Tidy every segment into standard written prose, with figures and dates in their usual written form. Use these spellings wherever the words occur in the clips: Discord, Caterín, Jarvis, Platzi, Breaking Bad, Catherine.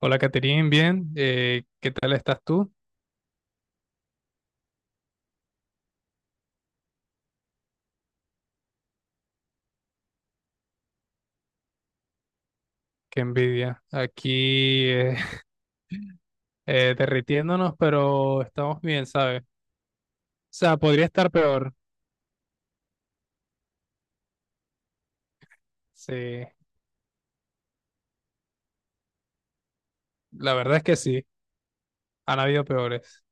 Hola, Caterín, bien. ¿Qué tal estás tú? Qué envidia. Aquí derritiéndonos, pero estamos bien, ¿sabes? O sea, podría estar peor. Sí, la verdad es que sí, han habido peores.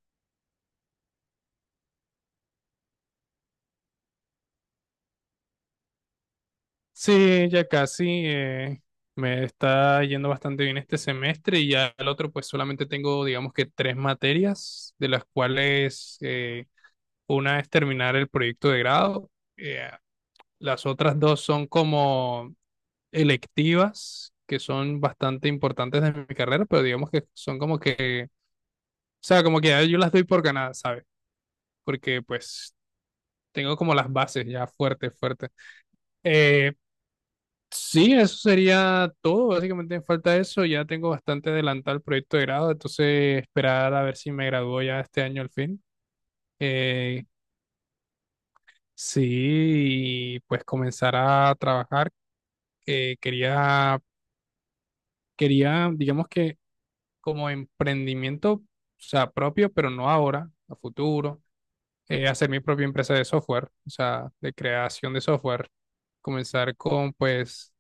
Sí, ya casi me está yendo bastante bien este semestre y ya el otro, pues solamente tengo, digamos que tres materias, de las cuales una es terminar el proyecto de grado. eh, las otras dos son como electivas que son bastante importantes de mi carrera, pero digamos que son como que, o sea, como que ya yo las doy por ganadas, ¿sabes? Porque pues tengo como las bases ya fuertes, fuertes. Eh, sí, eso sería todo, básicamente me falta eso, ya tengo bastante adelantado el proyecto de grado, entonces esperar a ver si me gradúo ya este año al fin. Eh, sí, y pues comenzar a trabajar. Eh, quería, quería, digamos que como emprendimiento, o sea, propio, pero no ahora, a futuro. Hacer mi propia empresa de software, o sea, de creación de software. Comenzar con, pues,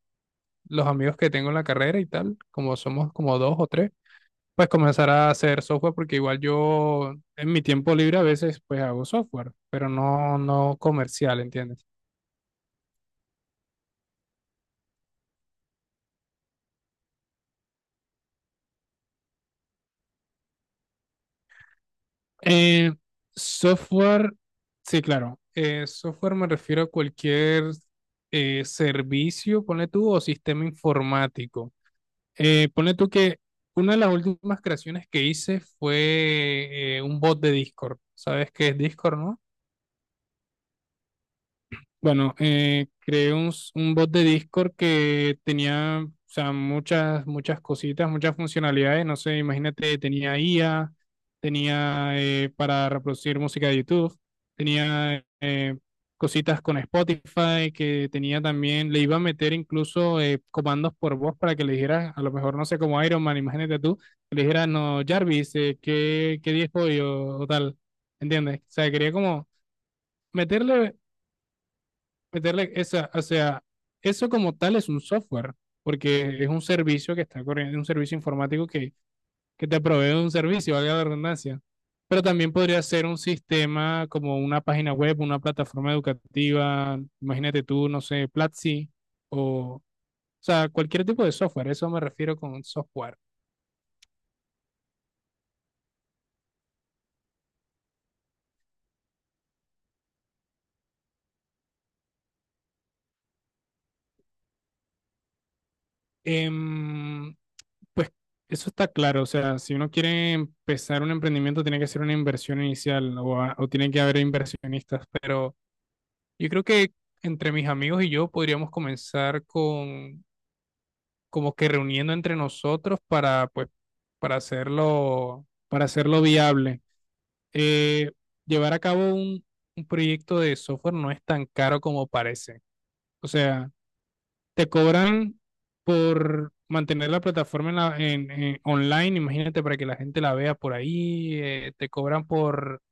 los amigos que tengo en la carrera y tal, como somos como dos o tres, pues comenzar a hacer software porque igual yo en mi tiempo libre a veces pues hago software, pero no comercial, ¿entiendes? Eh, software, sí, claro. Software me refiero a cualquier servicio, ponle tú, o sistema informático. Ponle tú que una de las últimas creaciones que hice fue un bot de Discord. ¿Sabes qué es Discord, no? Bueno, creé un bot de Discord que tenía, o sea, muchas cositas, muchas funcionalidades. No sé, imagínate, tenía IA, tenía para reproducir música de YouTube, tenía cositas con Spotify, que tenía también, le iba a meter incluso comandos por voz para que le dijeras, a lo mejor, no sé, como Iron Man, imagínate tú, que le dijeras, no, Jarvis, ¿ qué día es hoy? O tal, ¿entiendes? O sea, quería como meterle meterle esa, o sea, eso como tal es un software, porque es un servicio que está corriendo, un servicio informático que te provee un servicio, valga la redundancia. Pero también podría ser un sistema como una página web, una plataforma educativa, imagínate tú, no sé, Platzi o sea, cualquier tipo de software, eso me refiero con software. Em, pues eso está claro, o sea, si uno quiere empezar un emprendimiento tiene que hacer una inversión inicial o, o tiene que haber inversionistas, pero yo creo que entre mis amigos y yo podríamos comenzar con como que reuniendo entre nosotros para pues para hacerlo viable. Eh, llevar a cabo un proyecto de software no es tan caro como parece. O sea, te cobran por mantener la plataforma en online, imagínate para que la gente la vea por ahí, te cobran por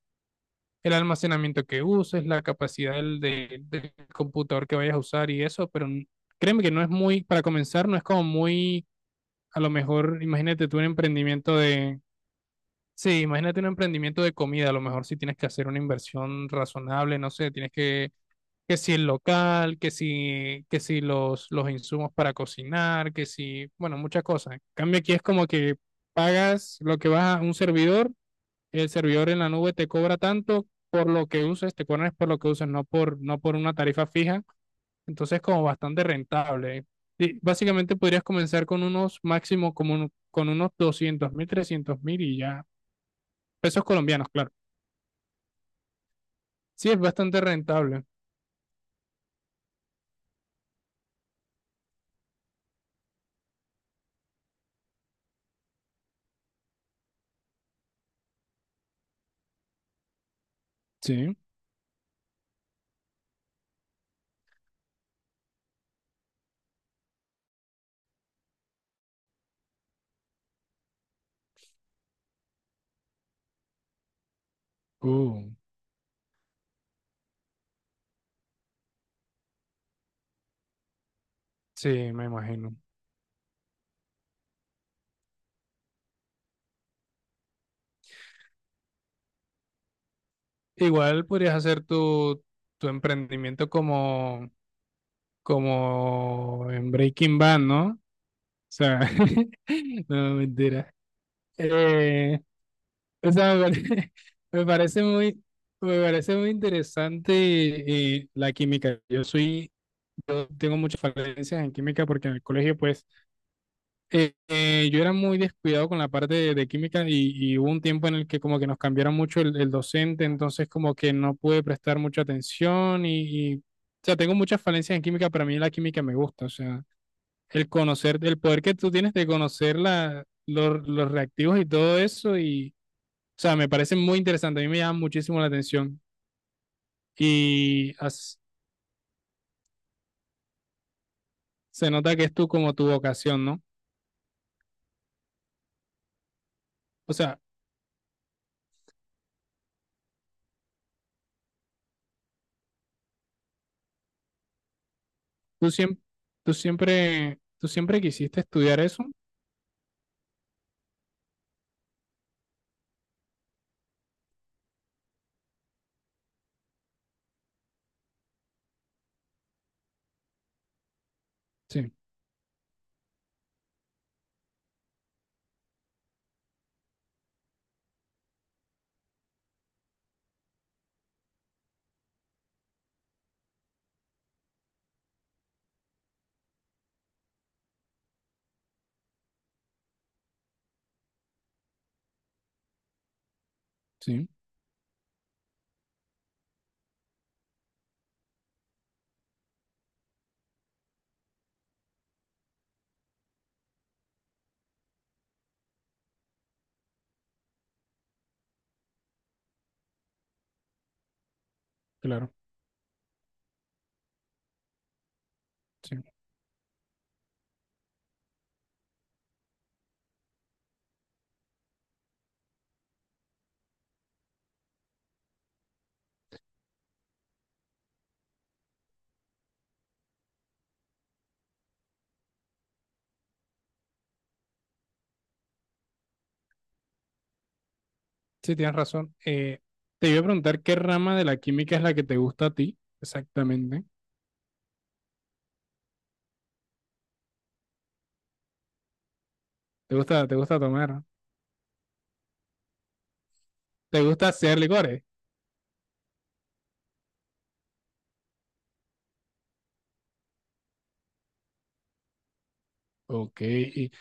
el almacenamiento que uses, la capacidad del computador que vayas a usar y eso, pero créeme que no es muy, para comenzar, no es como muy, a lo mejor, imagínate tú un emprendimiento de, sí, imagínate un emprendimiento de comida, a lo mejor si tienes que hacer una inversión razonable, no sé, tienes que si el local, que si los, los insumos para cocinar, que si, bueno, muchas cosas. En cambio aquí es como que pagas lo que vas a un servidor, el servidor en la nube te cobra tanto por lo que uses, te cobran por lo que uses, no por una tarifa fija. Entonces, como bastante rentable. Y básicamente podrías comenzar con unos máximo, con unos doscientos mil, trescientos mil y ya. Pesos colombianos, claro. Sí, es bastante rentable. Sí. Uh, sí, me imagino. Igual podrías hacer tu emprendimiento como en Breaking Bad, ¿no? O sea, no, mentira. Eh, me me parece, muy, me parece muy interesante la química. Yo tengo muchas falencias en química porque en el colegio, pues, yo era muy descuidado con la parte de química y hubo un tiempo en el que como que nos cambiaron mucho el docente, entonces como que no pude prestar mucha atención y, o sea, tengo muchas falencias en química, pero a mí la química me gusta, o sea, el conocer, el poder que tú tienes de conocer los reactivos y todo eso. O sea, me parece muy interesante, a mí me llama muchísimo la atención y as- se nota que es tú como tu vocación, ¿no? O sea, tú siempre, tú siempre quisiste estudiar eso. Sí, sí, claro, sí, sí, tienes razón. Te iba a preguntar qué rama de la química es la que te gusta a ti, exactamente. Te gusta tomar? ¿Te gusta hacer licores? Ok, y,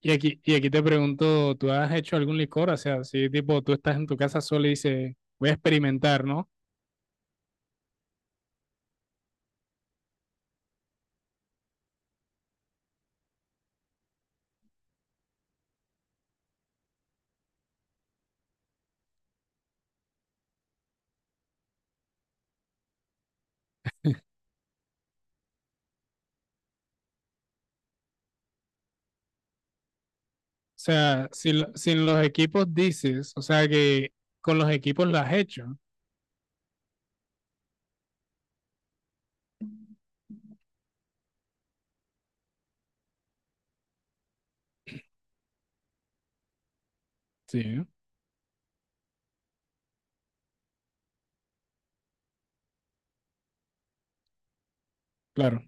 y aquí, y aquí te pregunto, ¿tú has hecho algún licor? O sea, si tipo tú estás en tu casa sola y dices, voy a experimentar, ¿no? O sea, sin los equipos dices, o sea que con los equipos lo has hecho. Sí, claro.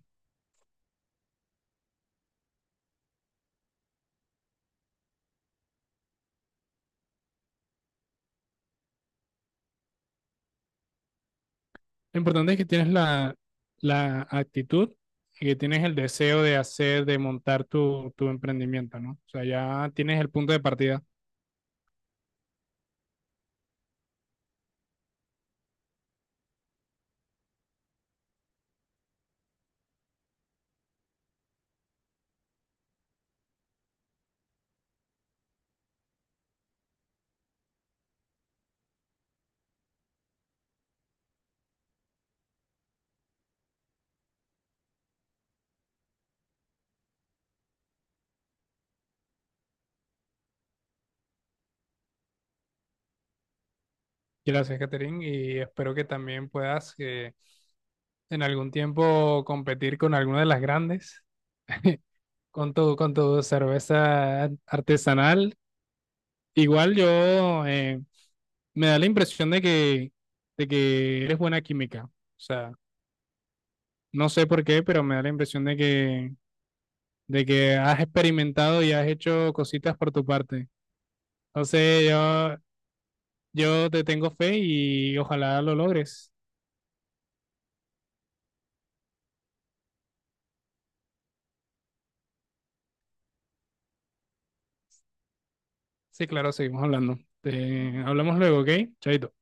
Lo importante es que tienes la actitud y que tienes el deseo de hacer, de montar tu emprendimiento, ¿no? O sea, ya tienes el punto de partida. Gracias, Catherine, y espero que también puedas en algún tiempo competir con alguna de las grandes, con con tu cerveza artesanal. Igual yo me da la impresión de que eres buena química. O sea, no sé por qué, pero me da la impresión de que has experimentado y has hecho cositas por tu parte. Entonces, yo te tengo fe y ojalá lo logres. Sí, claro, seguimos hablando. Hablamos luego, ¿ok? Chaito.